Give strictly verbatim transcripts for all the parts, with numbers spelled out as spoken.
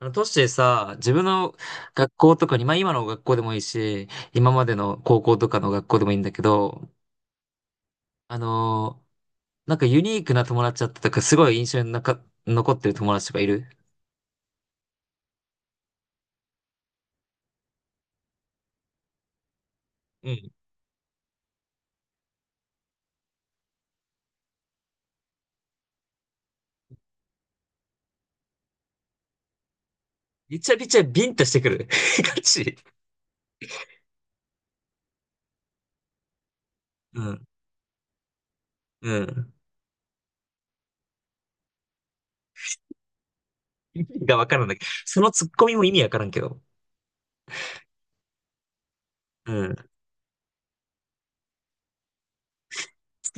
あの、都市でさ、自分の学校とかに、まあ今の学校でもいいし、今までの高校とかの学校でもいいんだけど、あのーなんかユニークな友達だったとか、すごい印象になか残ってる友達とかいる？うん。びちゃびちゃビンタしてくる。ガチ。うん。うん。意味がわからない。そのツッコミも意味わからんけど。うん。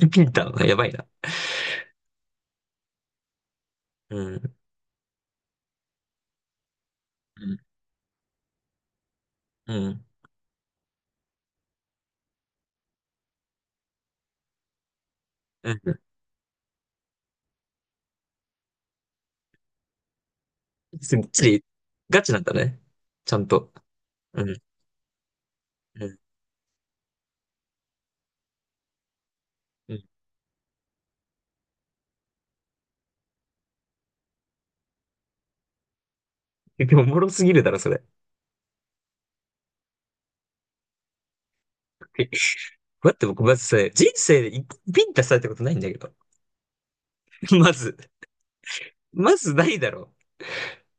ビンタ、やばいな。うん。うん。うん。うん。ガチ、ガチなんだね。ちゃんと。うん。うん。うん。でも、おもろすぎるだろ、それ。待って、僕、まずさ、人生で一回ビンタされたことないんだけど。まず、まずないだろう。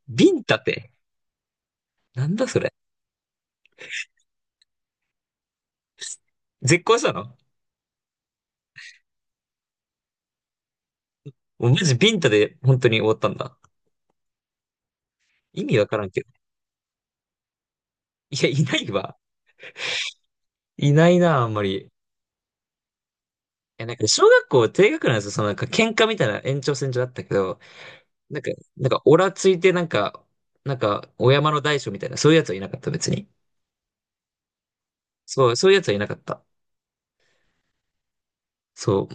ビンタって。なんだそれ。絶交したの？もうマジビンタで本当に終わったんだ。意味わからんけど。いや、いないわ。いないな、あんまり。いや、なんか、小学校低学年なんですよ。そのなんか、喧嘩みたいな延長線上だったけど、なんか、なんか、オラついて、なんか、なんか、お山の大将みたいな、そういうやつはいなかった、別に。そう、そういうやつはいなかった。そ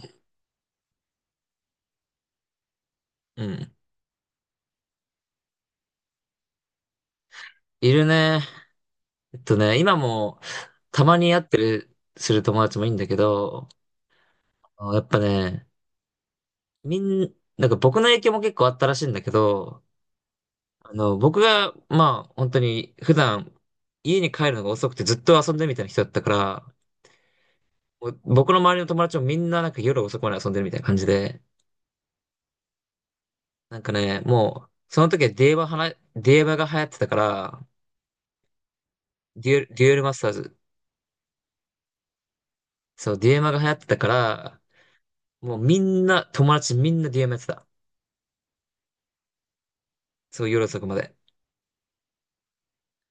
う。うん。いるね。えっとね、今もたまに会ってる、する友達もいいんだけど、あやっぱね、みん、なんか僕の影響も結構あったらしいんだけど、あの、僕が、まあ、本当に普段家に帰るのが遅くてずっと遊んでるみたいな人だったから、もう僕の周りの友達もみんななんか夜遅くまで遊んでるみたいな感じで、なんかね、もう、その時はデュエマはな、デュエマが流行ってたから、デュエル、デュエルマスターズ、そう、デュエマが流行ってたから、もうみんな、友達みんなデュエマやってた。そう、夜遅くまで。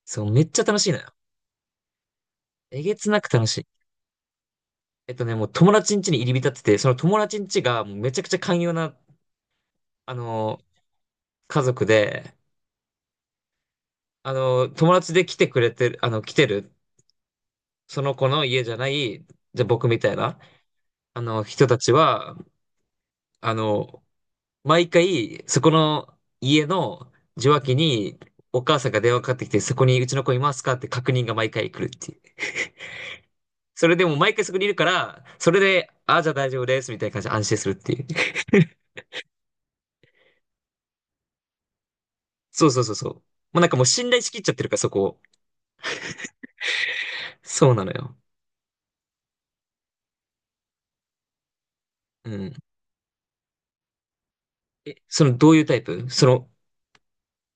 そう、めっちゃ楽しいのよ。えげつなく楽しい。えっとね、もう友達ん家に入り浸ってて、その友達ん家がもうめちゃくちゃ寛容な、あのー、家族で、あのー、友達で来てくれてる、あの、来てる、その子の家じゃない、じゃあ僕みたいな、あの、人たちは、あの、毎回、そこの家の受話器にお母さんが電話かかってきて、そこにうちの子いますかって確認が毎回来るっていう。それでも毎回そこにいるから、それで、ああ、じゃあ大丈夫です、みたいな感じで安心するっていう。そうそうそうそう。もうなんかもう信頼しきっちゃってるから、そこを。そうなのよ。うん。え、その、どういうタイプその、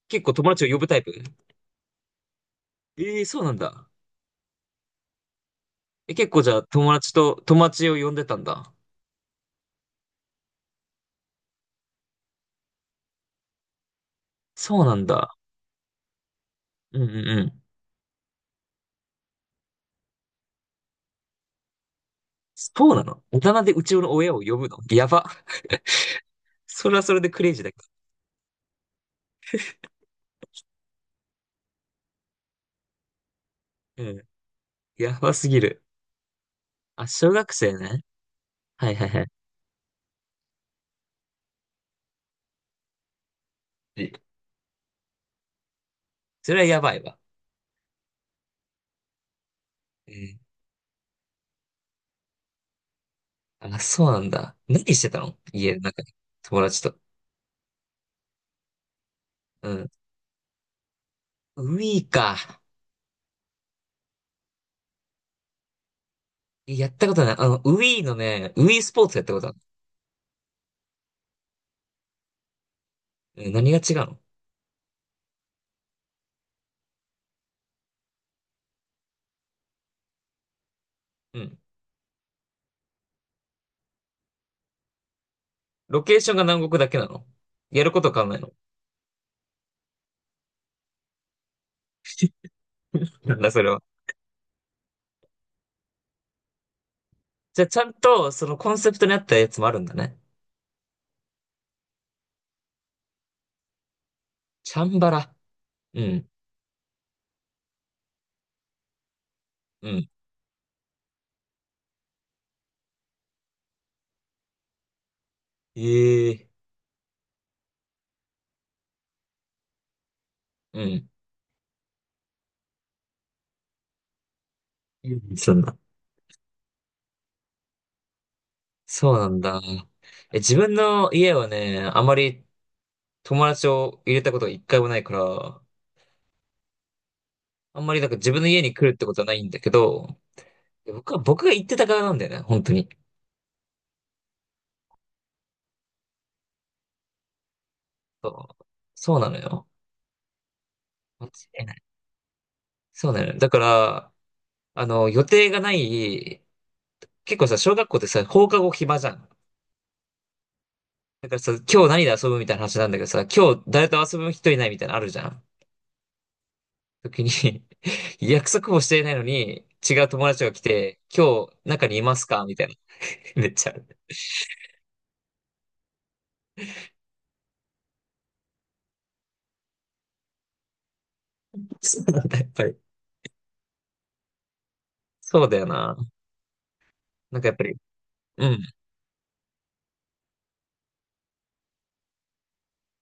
結構友達を呼ぶタイプ？ええ、そうなんだ。え、結構じゃあ友達と、友達を呼んでたんだ。そうなんだ。うんうんうん。そうなの？大人でうちの親を呼ぶのやば。それはそれでクレイジーだけど。うん。やばすぎる。あ、小学生ね。はいはいはい。え、それはやばいわ。うん。あ、そうなんだ。何してたの家の中で。友達と。うん。ウィーか。やったことない。あの、ウィーのね、ウィースポーツやったことある。うん、何が違うの？うん。ロケーションが南国だけなの？やること変わんないの？なんだそれは。じゃあ、ちゃんと、そのコンセプトに合ったやつもあるんだね。チャンバラ。うん。うん。ええ。うん。うん、そんな。そうなんだ。え、自分の家はね、あまり友達を入れたことが一回もないから、あんまりなんか自分の家に来るってことはないんだけど、僕は、僕が行ってた側なんだよね、本当に。そう、そうなのよ。そうなのよね。だから、あの、予定がない、結構さ、小学校ってさ、放課後暇じゃん。だからさ、今日何で遊ぶみたいな話なんだけどさ、今日誰と遊ぶ人いないみたいなのあるじゃん。時に 約束もしていないのに、違う友達が来て、今日中にいますかみたいな。めっちゃある。そうなんだ、やっぱり。そうだよな。なんかやっぱり、うん、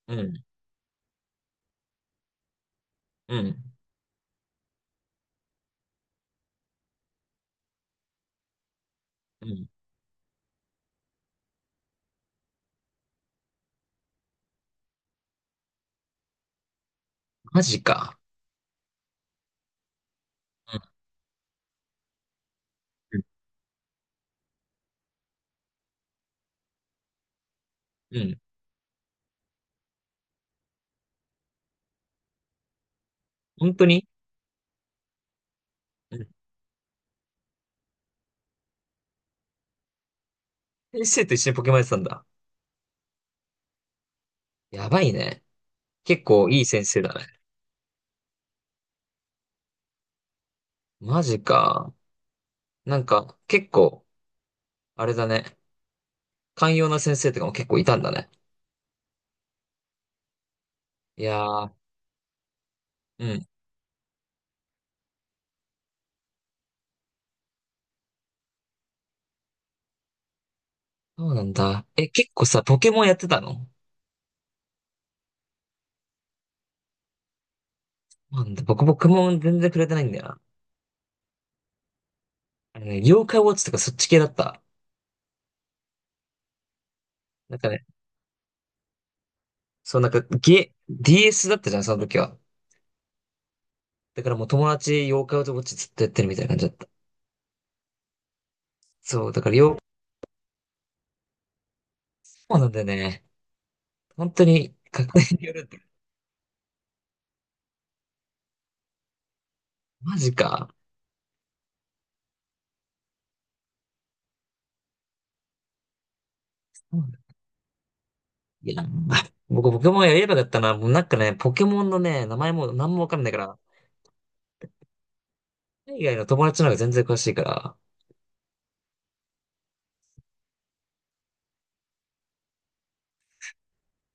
うん、うん、うん。マジか。うん、うん、うん。本当に？うん。先生と一緒にポケモンやってたんだ。やばいね。結構いい先生だね。マジか。なんか、結構、あれだね。寛容な先生とかも結構いたんだね。いやー、うん。そうなんだ。え、結構さ、ポケモンやってたの？なんだ、僕、ポケモン全然触れてないんだよな。あのね、妖怪ウォッチとかそっち系だった。なんかね、そう、なんか、ゲ、ディーエス だったじゃん、その時は。だからもう友達、妖怪ウォッチずっとやってるみたいな感じだった。そう、だから、妖、そうなんだよね。本当に、確認によるって。マジか。いや、あ僕、ポケモンやればよかったな。もうなんかね、ポケモンのね、名前も何もわかんないから、海外の友達の方が全然詳しいから、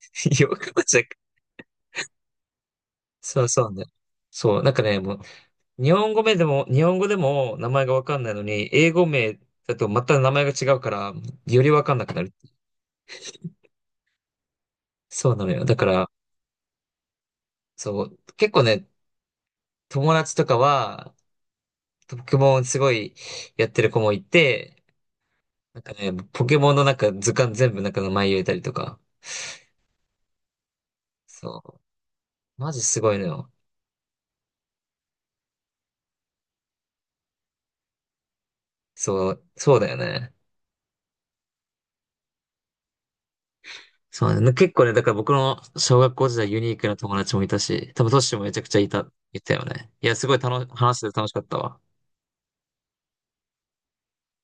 よく間違え。そうそうね。そう、なんかね、もう、日本語名でも、日本語でも名前がわかんないのに、英語名だとまた名前が違うから、よりわかんなくなる。そうなのよ。だから、そう、結構ね、友達とかは、ポケモンすごいやってる子もいて、なんかね、ポケモンのなんか図鑑全部なんか名前入れたりとか、そう、マジすごいのよ。そう、そうだよね。そうなんだよね。結構ね、だから僕の小学校時代ユニークな友達もいたし、多分トッシュもめちゃくちゃいた、いたよね。いや、すごい楽し、話してて楽しかったわ。